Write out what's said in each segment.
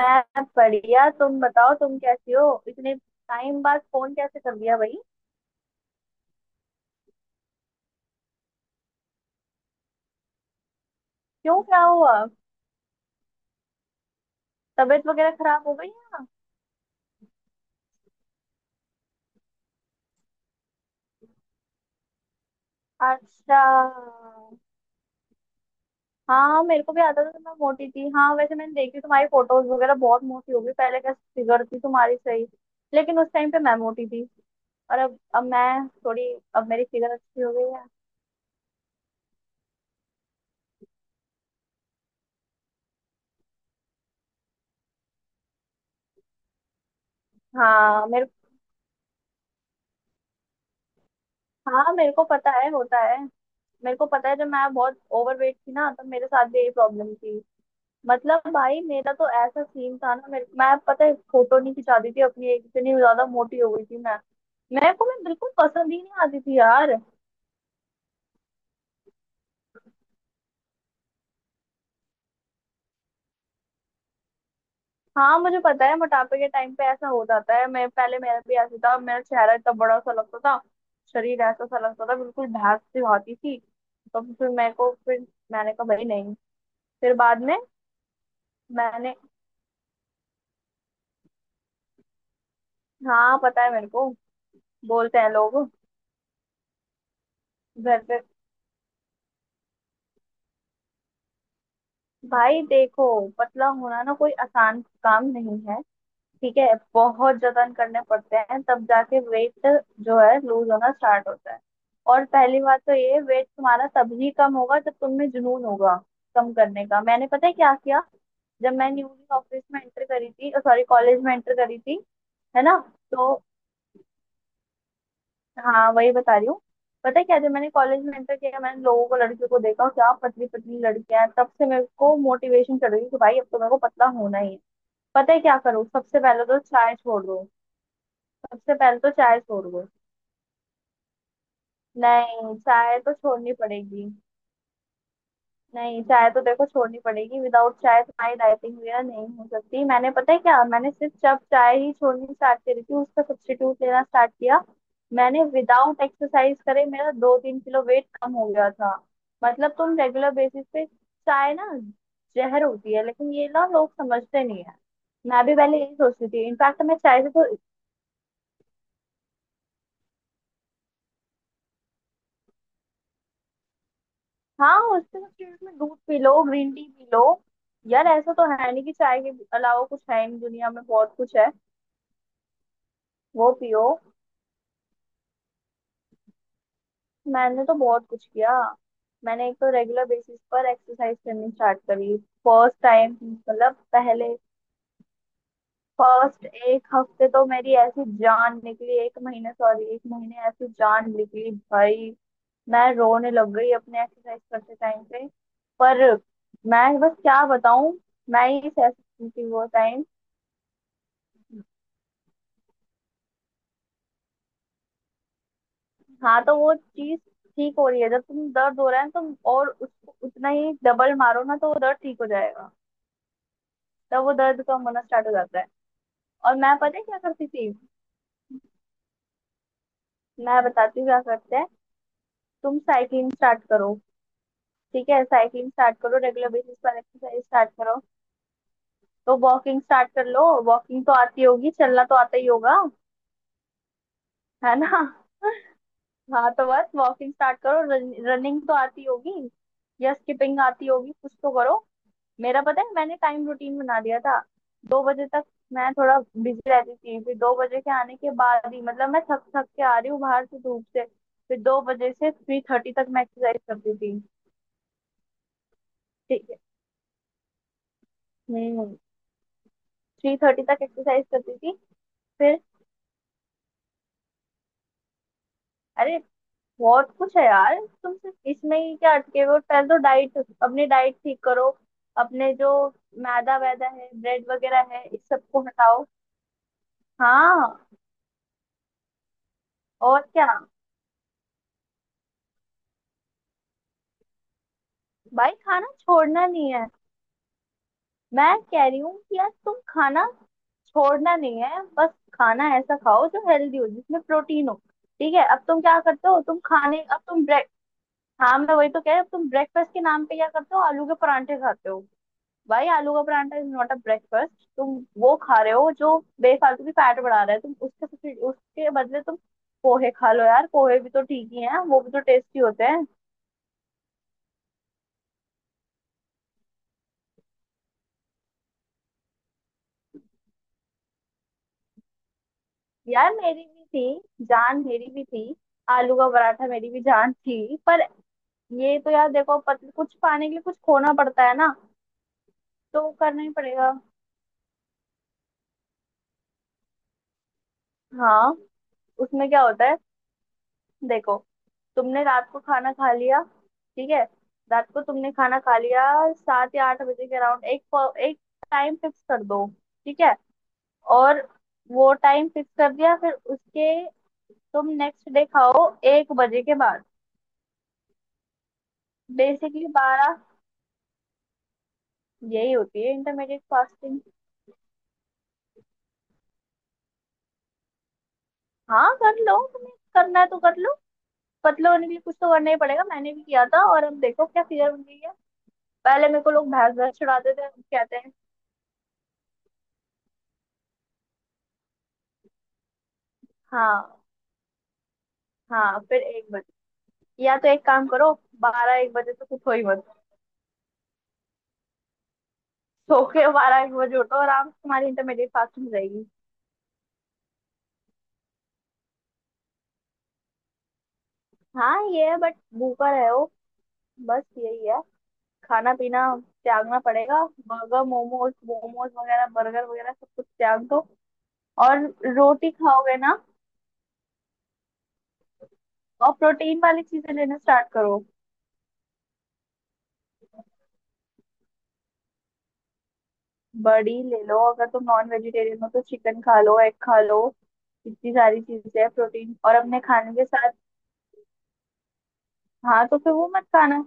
मैं बढ़िया। तुम बताओ, तुम कैसी हो? इतने टाइम बाद फोन कैसे कर लिया भाई? क्यों क्या हुआ? तबीयत वगैरह खराब हो गई है? अच्छा। हाँ मेरे को भी आता था तो मैं मोटी थी। हाँ, वैसे मैंने देखी तुम्हारी फोटोज वगैरह, बहुत मोटी हो गई। पहले कैसे फिगर थी तुम्हारी, सही। लेकिन उस टाइम पे मैं मोटी थी। और अब मैं थोड़ी, अब मेरी फिगर अच्छी हो गई है। हाँ मेरे हाँ मेरे को पता है, होता है। मेरे को पता है, जब मैं बहुत ओवरवेट थी ना, तब मेरे साथ भी यही प्रॉब्लम थी। मतलब भाई मेरा तो ऐसा सीन था ना, मेरे मैं पता है फोटो नहीं खिंचाती थी अपनी, एक इतनी ज्यादा मोटी हो गई थी मैं। मेरे को मैं बिल्कुल पसंद ही नहीं आती थी यार। हाँ मुझे पता है, मोटापे के टाइम पे ऐसा हो जाता है। मैं पहले, मेरा भी ऐसे था, मेरा चेहरा इतना बड़ा सा लगता था। शरीर ऐसा सा लगता था, बिल्कुल भैंस सी होती थी। तो फिर मेरे को फिर, मैंने कहा भाई नहीं। फिर बाद में, मैंने, हाँ पता है मेरे को, बोलते हैं लोग, घर पे। भाई देखो, पतला होना ना कोई आसान काम नहीं है। ठीक है। बहुत जतन करने पड़ते हैं तब जाके वेट जो है लूज होना स्टार्ट होता है। और पहली बात तो ये, वेट तुम्हारा तभी कम होगा जब तुम में जुनून होगा कम करने का। मैंने पता है क्या किया, जब मैं न्यूली ऑफिस में एंटर करी थी, सॉरी कॉलेज में एंटर करी थी। है ना? तो, हाँ वही बता रही हूँ। पता है क्या, जब मैंने कॉलेज में एंटर किया, मैंने लोगों को, लड़कियों को देखा, क्या पतली पतली लड़कियां हैं। तब से मेरे को मोटिवेशन चढ़ गई कि भाई अब तो मेरे को पतला होना ही है। पता है क्या करो, सबसे पहले तो चाय छोड़ दो। सबसे पहले तो चाय छोड़ दो। नहीं चाय तो छोड़नी पड़ेगी। नहीं चाय तो देखो छोड़नी पड़ेगी, विदाउट चाय तुम्हारी डाइटिंग वगैरह नहीं हो सकती। मैंने पता है क्या, मैंने सिर्फ जब चाय ही छोड़नी स्टार्ट करी थी, उसका सब्स्टिट्यूट लेना स्टार्ट किया। मैंने विदाउट एक्सरसाइज करे मेरा 2-3 किलो वेट कम हो गया था। मतलब तुम रेगुलर बेसिस पे चाय ना जहर होती है, लेकिन ये ना लोग समझते नहीं है। मैं भी पहले यही सोचती थी, इनफैक्ट मैं चाय से तो, हाँ उसके सब्स्टिट्यूट में दूध पी लो, ग्रीन टी पी लो। यार ऐसा तो है नहीं कि चाय के अलावा कुछ है ही नहीं, दुनिया में बहुत कुछ है। वो पियो। मैंने तो बहुत कुछ किया। मैंने एक तो रेगुलर बेसिस पर एक्सरसाइज करनी स्टार्ट करी। फर्स्ट टाइम मतलब पहले, फर्स्ट एक हफ्ते तो मेरी ऐसी जान निकली, एक महीने सॉरी, एक महीने ऐसी जान निकली भाई। मैं रोने लग गई अपने एक्सरसाइज करते टाइम पे, पर मैं बस क्या बताऊं, मैं ही सह सकती थी वो। हाँ तो वो चीज ठीक हो रही है, जब तुम दर्द हो रहा है तुम और उसको उतना ही डबल मारो ना तो वो दर्द ठीक हो जाएगा। तब वो दर्द कम होना स्टार्ट हो जाता है। और मैं पता है क्या करती थी, मैं बताती हूँ क्या करते हैं। तुम साइकिलिंग स्टार्ट करो, ठीक है, साइकिलिंग स्टार्ट करो, रेगुलर बेसिस पर एक्सरसाइज स्टार्ट करो। तो वॉकिंग स्टार्ट कर लो, वॉकिंग तो आती होगी, चलना तो आता ही होगा। है ना? हाँ तो बस वॉकिंग स्टार्ट करो, रनिंग तो आती होगी, या स्किपिंग आती होगी, कुछ तो करो। मेरा पता है, मैंने टाइम रूटीन बना दिया था। 2 बजे तक मैं थोड़ा बिजी रहती थी, फिर 2 बजे के आने के बाद ही, मतलब मैं थक थक के आ रही हूँ बाहर से, धूप से। फिर 2 बजे से 3:30 तक मैं एक्सरसाइज करती थी। ठीक है। हम्म। 3:30 तक एक्सरसाइज करती थी। फिर, अरे, बहुत कुछ है यार। तुम सिर्फ इसमें ही क्या अटके हुए हो, पहले तो डाइट, अपनी डाइट ठीक करो। अपने जो मैदा वैदा है, ब्रेड वगैरह है, इस सबको हटाओ। हाँ, और क्या। भाई खाना छोड़ना नहीं है। मैं कह रही हूँ कि यार तुम खाना छोड़ना नहीं है, बस खाना ऐसा खाओ जो हेल्दी हो, जिसमें प्रोटीन हो। ठीक है, अब तुम क्या करते हो, तुम खाने, अब तुम ब्रेक हाँ, मैं वही तो कह रही हूँ, अब तुम ब्रेकफास्ट के नाम पे क्या करते हो, आलू के परांठे खाते हो। भाई आलू का paratha is not a breakfast. तुम वो खा रहे हो जो बेफालतू की फैट बढ़ा रहा है, तुम उसके उसके बदले तुम पोहे खा लो यार, पोहे भी तो ठीक ही हैं, वो भी तो टेस्टी होते हैं। यार मेरी भी थी, जान मेरी भी थी। आलू का पराठा मेरी भी जान थी, पर ये तो यार देखो कुछ पाने के लिए कुछ खोना पड़ता है ना, तो वो करना ही पड़ेगा। हाँ, उसमें क्या होता है, देखो, तुमने रात को खाना खा लिया, ठीक है, रात को तुमने खाना खा लिया 7 या 8 बजे के अराउंड, एक एक टाइम फिक्स कर दो। ठीक है। और वो टाइम फिक्स कर दिया फिर उसके, तुम नेक्स्ट डे खाओ 1 बजे के बाद। बेसिकली 12, यही होती है इंटरमीडिएट फास्टिंग। हाँ कर लो, तुम्हें करना है तो कर लो। पतला होने के लिए कुछ तो करना ही पड़ेगा, मैंने भी किया था और अब देखो क्या फिगर बन गई है। पहले मेरे को लोग भैंस भैंस छुड़ाते थे, अब कहते हैं। हाँ, हाँ फिर 1 बजे, या तो एक काम करो, 12-1 बजे तक उठो ही मत। सो के 12-1 बजे उठो आराम से, तुम्हारी इंटरमीडिएट फास्टिंग रहेगी। हाँ ये है बट भूखा रहो, बस यही है। खाना पीना त्यागना पड़ेगा, बर्गर मोमोज मोमोज वगैरह, बर्गर वगैरह सब कुछ त्याग दो। और रोटी खाओगे ना, और प्रोटीन वाली चीजें लेना स्टार्ट करो। बड़ी ले लो, अगर तुम नॉन वेजिटेरियन हो तो चिकन खा लो, एग खा लो। इतनी सारी चीजें हैं प्रोटीन और अपने खाने के साथ। हाँ तो फिर वो मत खाना।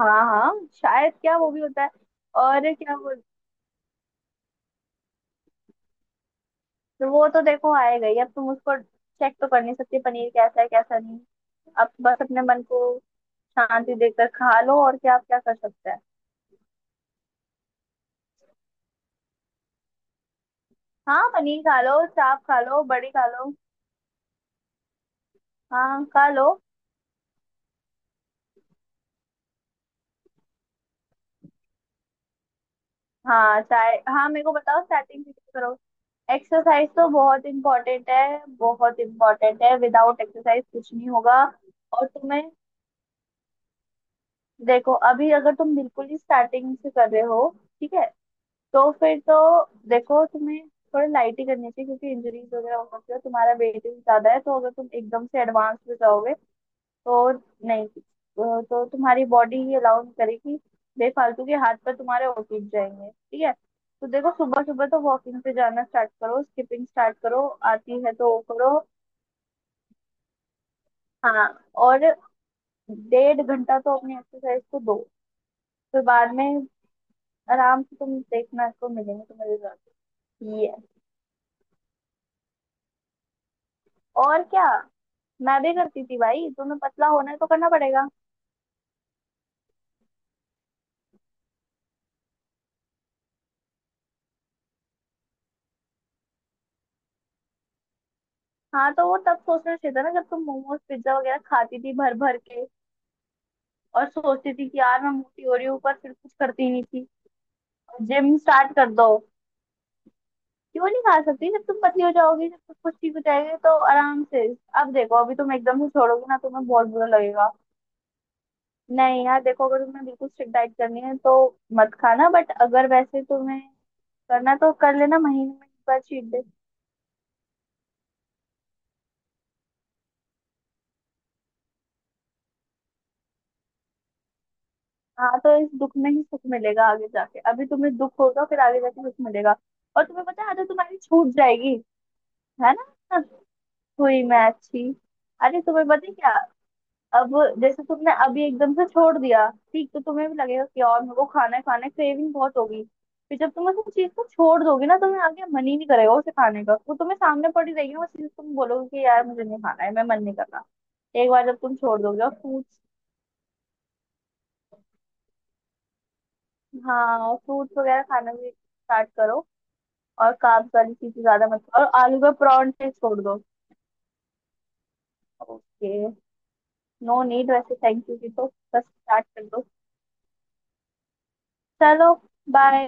हाँ हाँ शायद क्या, वो भी होता है। और क्या बोल। तो वो तो देखो आएगा ही, अब तुम उसको चेक तो कर नहीं सकते पनीर कैसा है कैसा नहीं। अब बस अपने मन को शांति देकर खा लो, और क्या आप क्या कर सकते हैं। हाँ पनीर खा लो, चाप खा लो, बड़ी खा लो। हाँ खा लो। हाँ चाय, हाँ मेरे को बताओ स्टार्टिंग से। एक्सरसाइज तो बहुत इम्पोर्टेंट है, बहुत इम्पोर्टेंट है, विदाउट एक्सरसाइज कुछ नहीं होगा। और तुम्हें, देखो अभी अगर तुम बिल्कुल ही स्टार्टिंग से कर रहे हो, ठीक है, तो फिर तो, देखो तुम्हें थोड़ा लाइट ही करनी चाहिए, क्योंकि इंजरीज वगैरह हो सकती है, तुम्हारा वेट भी ज्यादा है, तो अगर तुम एकदम से एडवांस में जाओगे तो, नहीं तो तुम्हारी बॉडी ही अलाउ नहीं करेगी। बेफालतू के हाथ पर तुम्हारे ओटीज जाएंगे, ठीक है। तो देखो सुबह सुबह तो वॉकिंग पे जाना स्टार्ट करो, स्किपिंग स्टार्ट करो, आती है तो वो करो। हाँ, और 1.5 घंटा तो अपनी एक्सरसाइज को दो, फिर बाद में आराम से तुम देखना, इसको मिलेंगे तुम्हें रिजल्ट। ये और क्या, मैं भी करती थी भाई, तुम्हें पतला होना है तो करना पड़ेगा। हाँ तो वो तब सोचना चाहिए था ना, जब तुम मोमोज पिज्जा वगैरह खाती थी भर भर के, और सोचती थी कि यार मैं मोटी हो रही हूँ पर फिर कुछ करती नहीं थी। जिम स्टार्ट कर दो। क्यों नहीं खा सकती, जब तुम पतली हो जाओगी, जब सब कुछ ठीक हो जाएगी तो आराम से। अब देखो अभी तुम एकदम से छोड़ोगी ना तुम्हें बहुत बुरा लगेगा। नहीं यार देखो अगर तुम्हें बिल्कुल स्ट्रिक्ट डाइट करनी है तो मत खाना, बट अगर वैसे तुम्हें करना तो कर लेना महीने में एक बार चीट डे। हाँ तो इस दुख में ही सुख मिलेगा आगे जाके, अभी तुम्हें दुख होगा फिर आगे जाके सुख मिलेगा। और तुम्हें पता है आदत तुम्हारी छूट जाएगी, है ना? हुई मैं अच्छी? अरे तुम्हें पता है क्या, अब जैसे तुमने अभी एकदम से छोड़ दिया, ठीक, तो तुम्हें भी लगेगा कि और मेरे को खाना है, खाना क्रेविंग बहुत होगी। फिर जब तुम उस चीज को छोड़ दोगे ना, तुम्हें आगे मन ही नहीं करेगा उसे खाने का, वो तुम्हें सामने पड़ी रहेगी ना वो चीज, तुम बोलोगे कि यार मुझे नहीं खाना है, मैं मन नहीं कर रहा। एक बार जब तुम छोड़ दोगे और फ्रूट्स, हाँ और फ्रूट्स वगैरह खाना भी स्टार्ट करो। और कार्ब्स वाली चीजें ज्यादा मत खाओ, और आलू के परांठे छोड़ दो। ओके। नो नीड वैसे थैंक यू की तो, बस स्टार्ट कर दो। चलो, बाय।